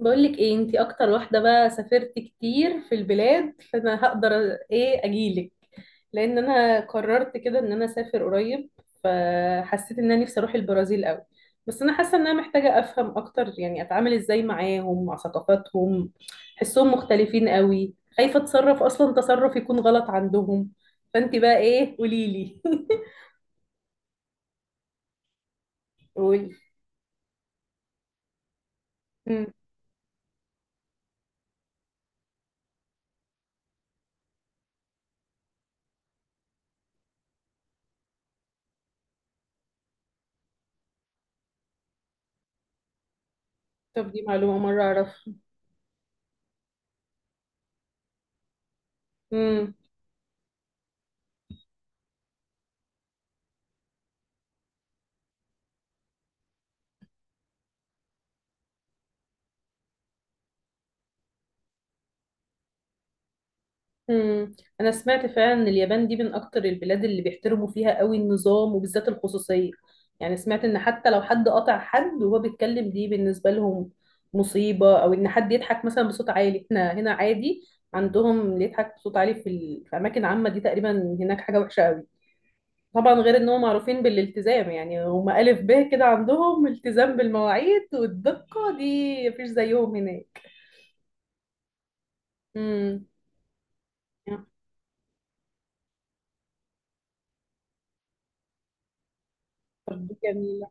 بقولك ايه، انتي اكتر واحدة بقى سافرت كتير في البلاد، فانا هقدر ايه اجيلك. لان انا قررت كده ان انا اسافر قريب، فحسيت ان انا نفسي اروح البرازيل قوي. بس انا حاسة ان انا محتاجة افهم اكتر، يعني اتعامل ازاي معاهم مع ثقافاتهم. حسهم مختلفين قوي، خايفة اتصرف اصلا تصرف يكون غلط عندهم. فانتي بقى ايه؟ قوليلي. قولي. مم. طب، دي معلومة مرة اعرفها. مم. انا سمعت فعلا ان اليابان دي من اكتر البلاد اللي بيحترموا فيها قوي النظام، وبالذات الخصوصية. يعني سمعت ان حتى لو حد قطع حد وهو بيتكلم دي بالنسبة لهم مصيبة، او ان حد يضحك مثلا بصوت عالي احنا هنا عادي. عندهم اللي يضحك بصوت عالي في اماكن عامة دي تقريبا هناك حاجة وحشة قوي. طبعا غير ان هم معروفين بالالتزام، يعني هم ألف ب كده، عندهم التزام بالمواعيد والدقة، دي مفيش زيهم هناك. امم. طب، دي جميلة.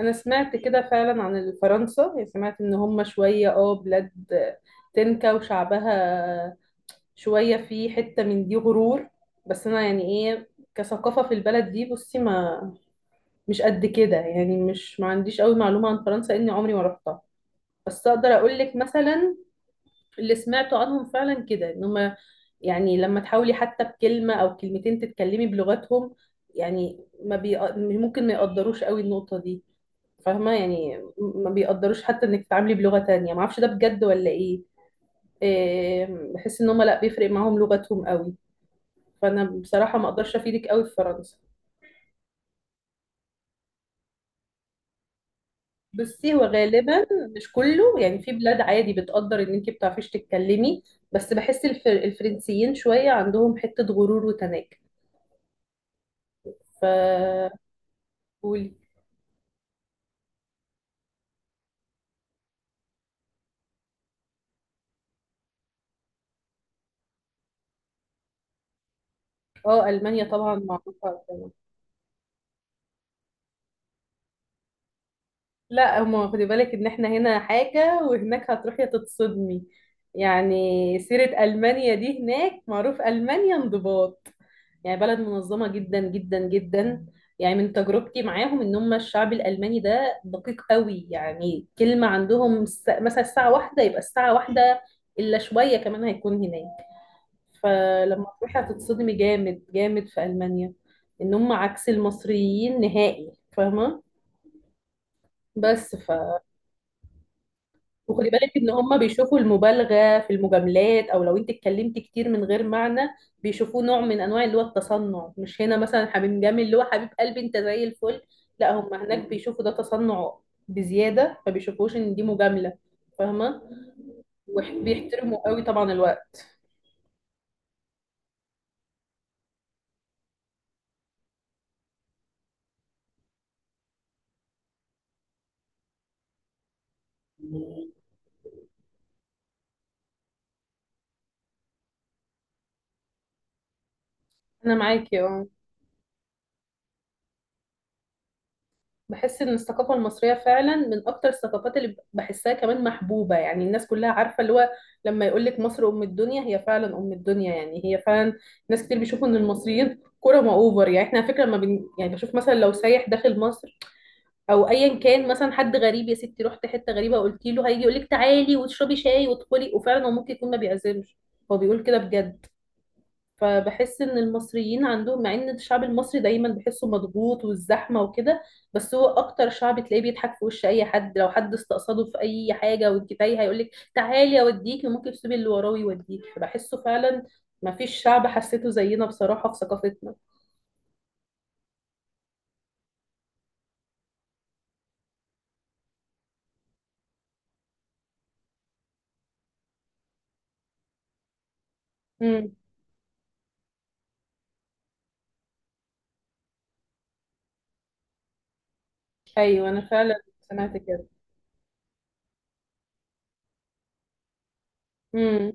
انا سمعت كده فعلا عن فرنسا، يعني سمعت ان هم شوية بلاد تنكا وشعبها شوية في حتة من دي غرور. بس انا يعني ايه كثقافة في البلد دي، بصي ما مش قد كده، يعني مش ما عنديش قوي معلومة عن فرنسا اني عمري ما رحتها. بس اقدر اقول لك مثلا اللي سمعته عنهم فعلا كده ان هم، يعني لما تحاولي حتى بكلمة او كلمتين تتكلمي بلغتهم، يعني ما بي... ممكن ما يقدروش قوي النقطة دي. فاهمة، يعني ما بيقدروش حتى انك تتعاملي بلغة تانية، ما اعرفش ده بجد ولا ايه. إيه، بحس ان هم لا بيفرق معاهم لغتهم قوي. فانا بصراحة ما اقدرش افيدك قوي في فرنسا. بصي هو غالبا مش كله، يعني في بلاد عادي بتقدر ان انت بتعرفيش تتكلمي. بس بحس الفرنسيين شوية عندهم حتة غرور وتناكة. ف قولي. اه، المانيا طبعا معروفة. لا، هما خدي بالك ان احنا هنا حاجة وهناك هتروحي تتصدمي. يعني سيرة ألمانيا دي هناك معروف ألمانيا انضباط، يعني بلد منظمة جدا جدا جدا. يعني من تجربتي معاهم ان هم الشعب الألماني ده دقيق قوي، يعني كلمة عندهم مثلا الساعة واحدة يبقى الساعة واحدة إلا شوية كمان هيكون هناك. فلما تروحي هتتصدمي جامد جامد في ألمانيا، ان هم عكس المصريين نهائي، فاهمة؟ بس وخدي بالك ان هم بيشوفوا المبالغه في المجاملات، او لو انت اتكلمتي كتير من غير معنى بيشوفوه نوع من انواع اللي هو التصنع. مش هنا مثلا حبيب جامد اللي هو حبيب قلبي انت زي الفل، لا هم هناك بيشوفوا ده تصنع بزياده، ما بيشوفوش ان دي مجامله، فاهمه؟ وبيحترموا قوي طبعا الوقت. انا معاكي، اه. بحس ان الثقافه المصريه فعلا من اكتر الثقافات اللي بحسها كمان محبوبه، يعني الناس كلها عارفه اللي هو، لما يقول لك مصر ام الدنيا هي فعلا ام الدنيا، يعني هي فعلا. ناس كتير بيشوفوا ان المصريين كرماء اوفر، يعني احنا على فكره لما يعني بشوف مثلا لو سايح داخل مصر او ايا كان، مثلا حد غريب يا ستي رحت حته غريبه قلت له هيجي يقول لك تعالي واشربي شاي وادخلي، وفعلا هو ممكن يكون ما بيعزمش، هو بيقول كده بجد. فبحس ان المصريين عندهم، مع ان الشعب المصري دايما بحسه مضغوط والزحمه وكده، بس هو اكتر شعب تلاقيه بيضحك في وش اي حد، لو حد استقصده في اي حاجه وانت تايه هيقول لك تعالي اوديكي، ممكن تسيبي اللي وراه ويوديكي، فبحسه فعلا ما فيش شعب حسيته زينا بصراحه في ثقافتنا. امم. ايوه انا فعلا سمعت كده. امم.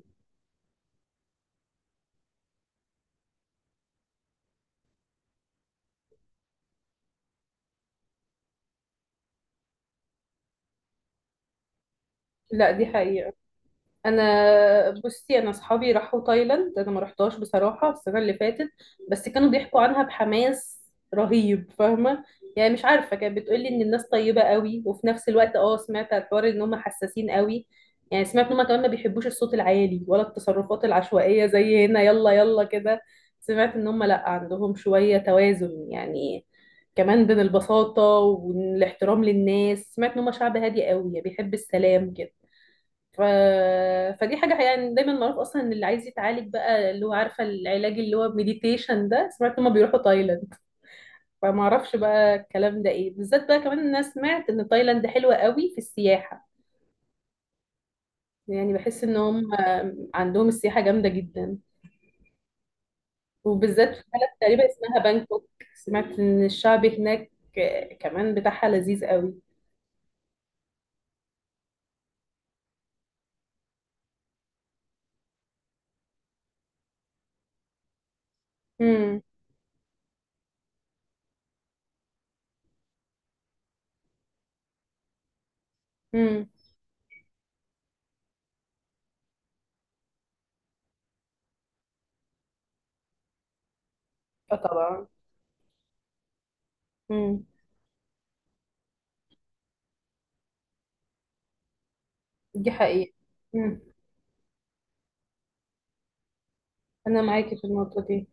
لا، دي حقيقه. انا، بصي، انا اصحابي راحوا تايلاند، انا ما رحتهاش بصراحه السنه اللي فاتت، بس كانوا بيحكوا عنها بحماس رهيب، فاهمه؟ يعني مش عارفه، كانت بتقولي ان الناس طيبه قوي، وفي نفس الوقت سمعت على الحوار ان هم حساسين قوي. يعني سمعت ان هم كمان ما بيحبوش الصوت العالي ولا التصرفات العشوائيه زي هنا يلا يلا كده. سمعت ان هم لا، عندهم شويه توازن، يعني كمان بين البساطه والاحترام للناس. سمعت ان هم شعب هادي قوي، يعني بيحب السلام كده. ف... فدي حاجة، يعني دايما معروف أصلا إن اللي عايز يتعالج بقى اللي هو عارفة العلاج اللي هو مديتيشن ده، سمعت إن هما بيروحوا تايلاند. فما أعرفش بقى الكلام ده إيه، بالذات بقى كمان إن أنا سمعت إن تايلاند حلوة قوي في السياحة. يعني بحس إن هم عندهم السياحة جامدة جدا، وبالذات في بلد تقريبا اسمها بانكوك. سمعت إن الشعب هناك كمان بتاعها لذيذ قوي. امم. امم. فطبعا. امم. دي حقيقة. امم. أنا معاكي في النقطة دي.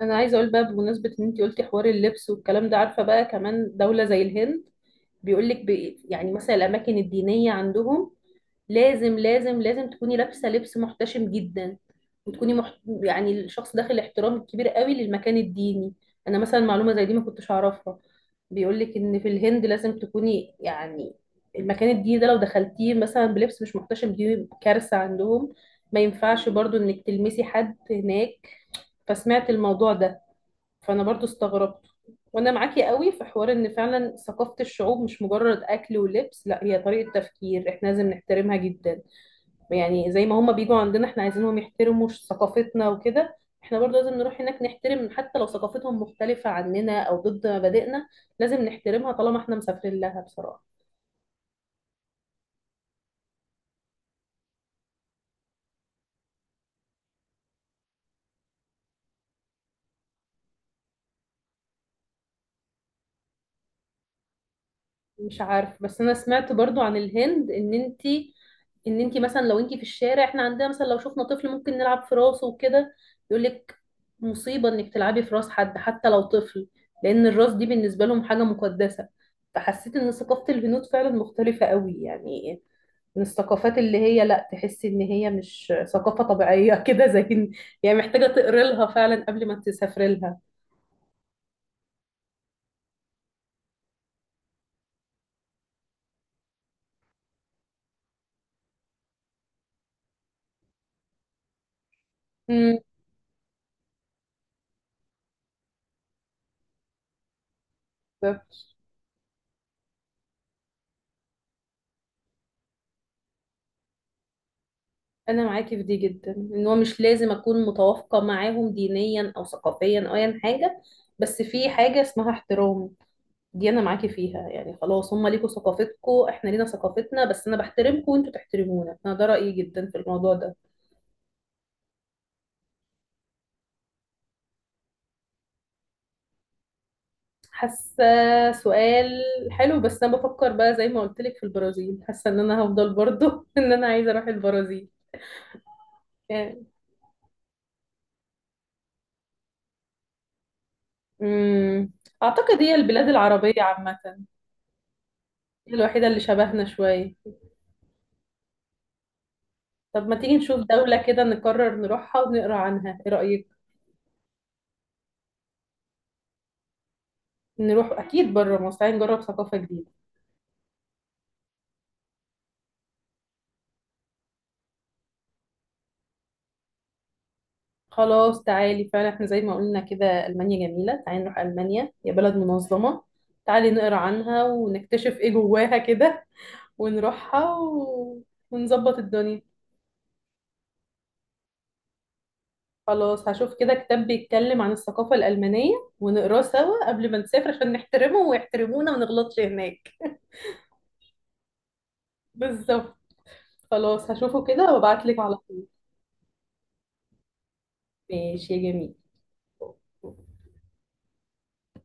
انا عايزه اقول بقى بمناسبه ان انت قلتي حوار اللبس والكلام ده، عارفه بقى كمان دوله زي الهند، بيقول لك يعني مثلا الاماكن الدينيه عندهم لازم لازم لازم تكوني لابسه لبس محتشم جدا. وتكوني محت... يعني الشخص داخل احترام كبير قوي للمكان الديني. انا مثلا معلومه زي دي ما كنتش اعرفها. بيقول لك ان في الهند لازم تكوني يعني المكان الديني ده لو دخلتيه مثلا بلبس مش محتشم دي كارثه عندهم. ما ينفعش برضو انك تلمسي حد هناك. فسمعت الموضوع ده، فانا برضو استغربت. وانا معاكي قوي في حوار ان فعلا ثقافة الشعوب مش مجرد اكل ولبس، لا، هي طريقة تفكير، احنا لازم نحترمها جدا. يعني زي ما هما بيجوا عندنا احنا عايزينهم يحترموا ثقافتنا وكده، احنا برضو لازم نروح هناك نحترم حتى لو ثقافتهم مختلفة عننا او ضد مبادئنا، لازم نحترمها طالما احنا مسافرين لها بصراحة. مش عارف، بس انا سمعت برضو عن الهند ان انتي مثلا لو انتي في الشارع احنا عندنا مثلا لو شفنا طفل ممكن نلعب في راسه وكده. يقولك مصيبة انك تلعبي في راس حد حتى لو طفل، لان الراس دي بالنسبة لهم حاجة مقدسة. فحسيت ان ثقافة الهنود فعلا مختلفة قوي، يعني من الثقافات اللي هي لا تحسي ان هي مش ثقافة طبيعية كده زي يعني محتاجة تقري لها فعلا قبل ما تسافري لها. انا معاكي في دي جدا، ان هو مش لازم اكون متوافقه معاهم دينيا او ثقافيا او ايا حاجه، بس في حاجه اسمها احترام، دي انا معاكي فيها. يعني خلاص هم ليكوا ثقافتكم احنا لينا ثقافتنا، بس انا بحترمكم وانتوا تحترمونا، انا ده رايي جدا في الموضوع ده. حاسه. سؤال حلو، بس انا بفكر بقى زي ما قلت لك في البرازيل، حاسه ان انا هفضل برضو ان انا عايزه اروح البرازيل. يعني. امم. اعتقد هي البلاد العربيه عامه، هي الوحيده اللي شبهنا شويه. طب ما تيجي نشوف دولة كده نقرر نروحها ونقرا عنها، ايه رأيك؟ نروح اكيد بره مصر، تعالي نجرب ثقافة جديدة. خلاص تعالي فعلا، احنا زي ما قلنا كده ألمانيا جميلة، تعالي نروح ألمانيا، هي بلد منظمة. تعالي نقرا عنها ونكتشف ايه جواها كده، ونروحها ونظبط الدنيا. خلاص هشوف كده كتاب بيتكلم عن الثقافة الألمانية، ونقراه سوا قبل ما نسافر عشان نحترمه ويحترمونا وما نغلطش هناك. بالظبط. خلاص هشوفه كده وابعتلك على طول. ماشي يا جميل.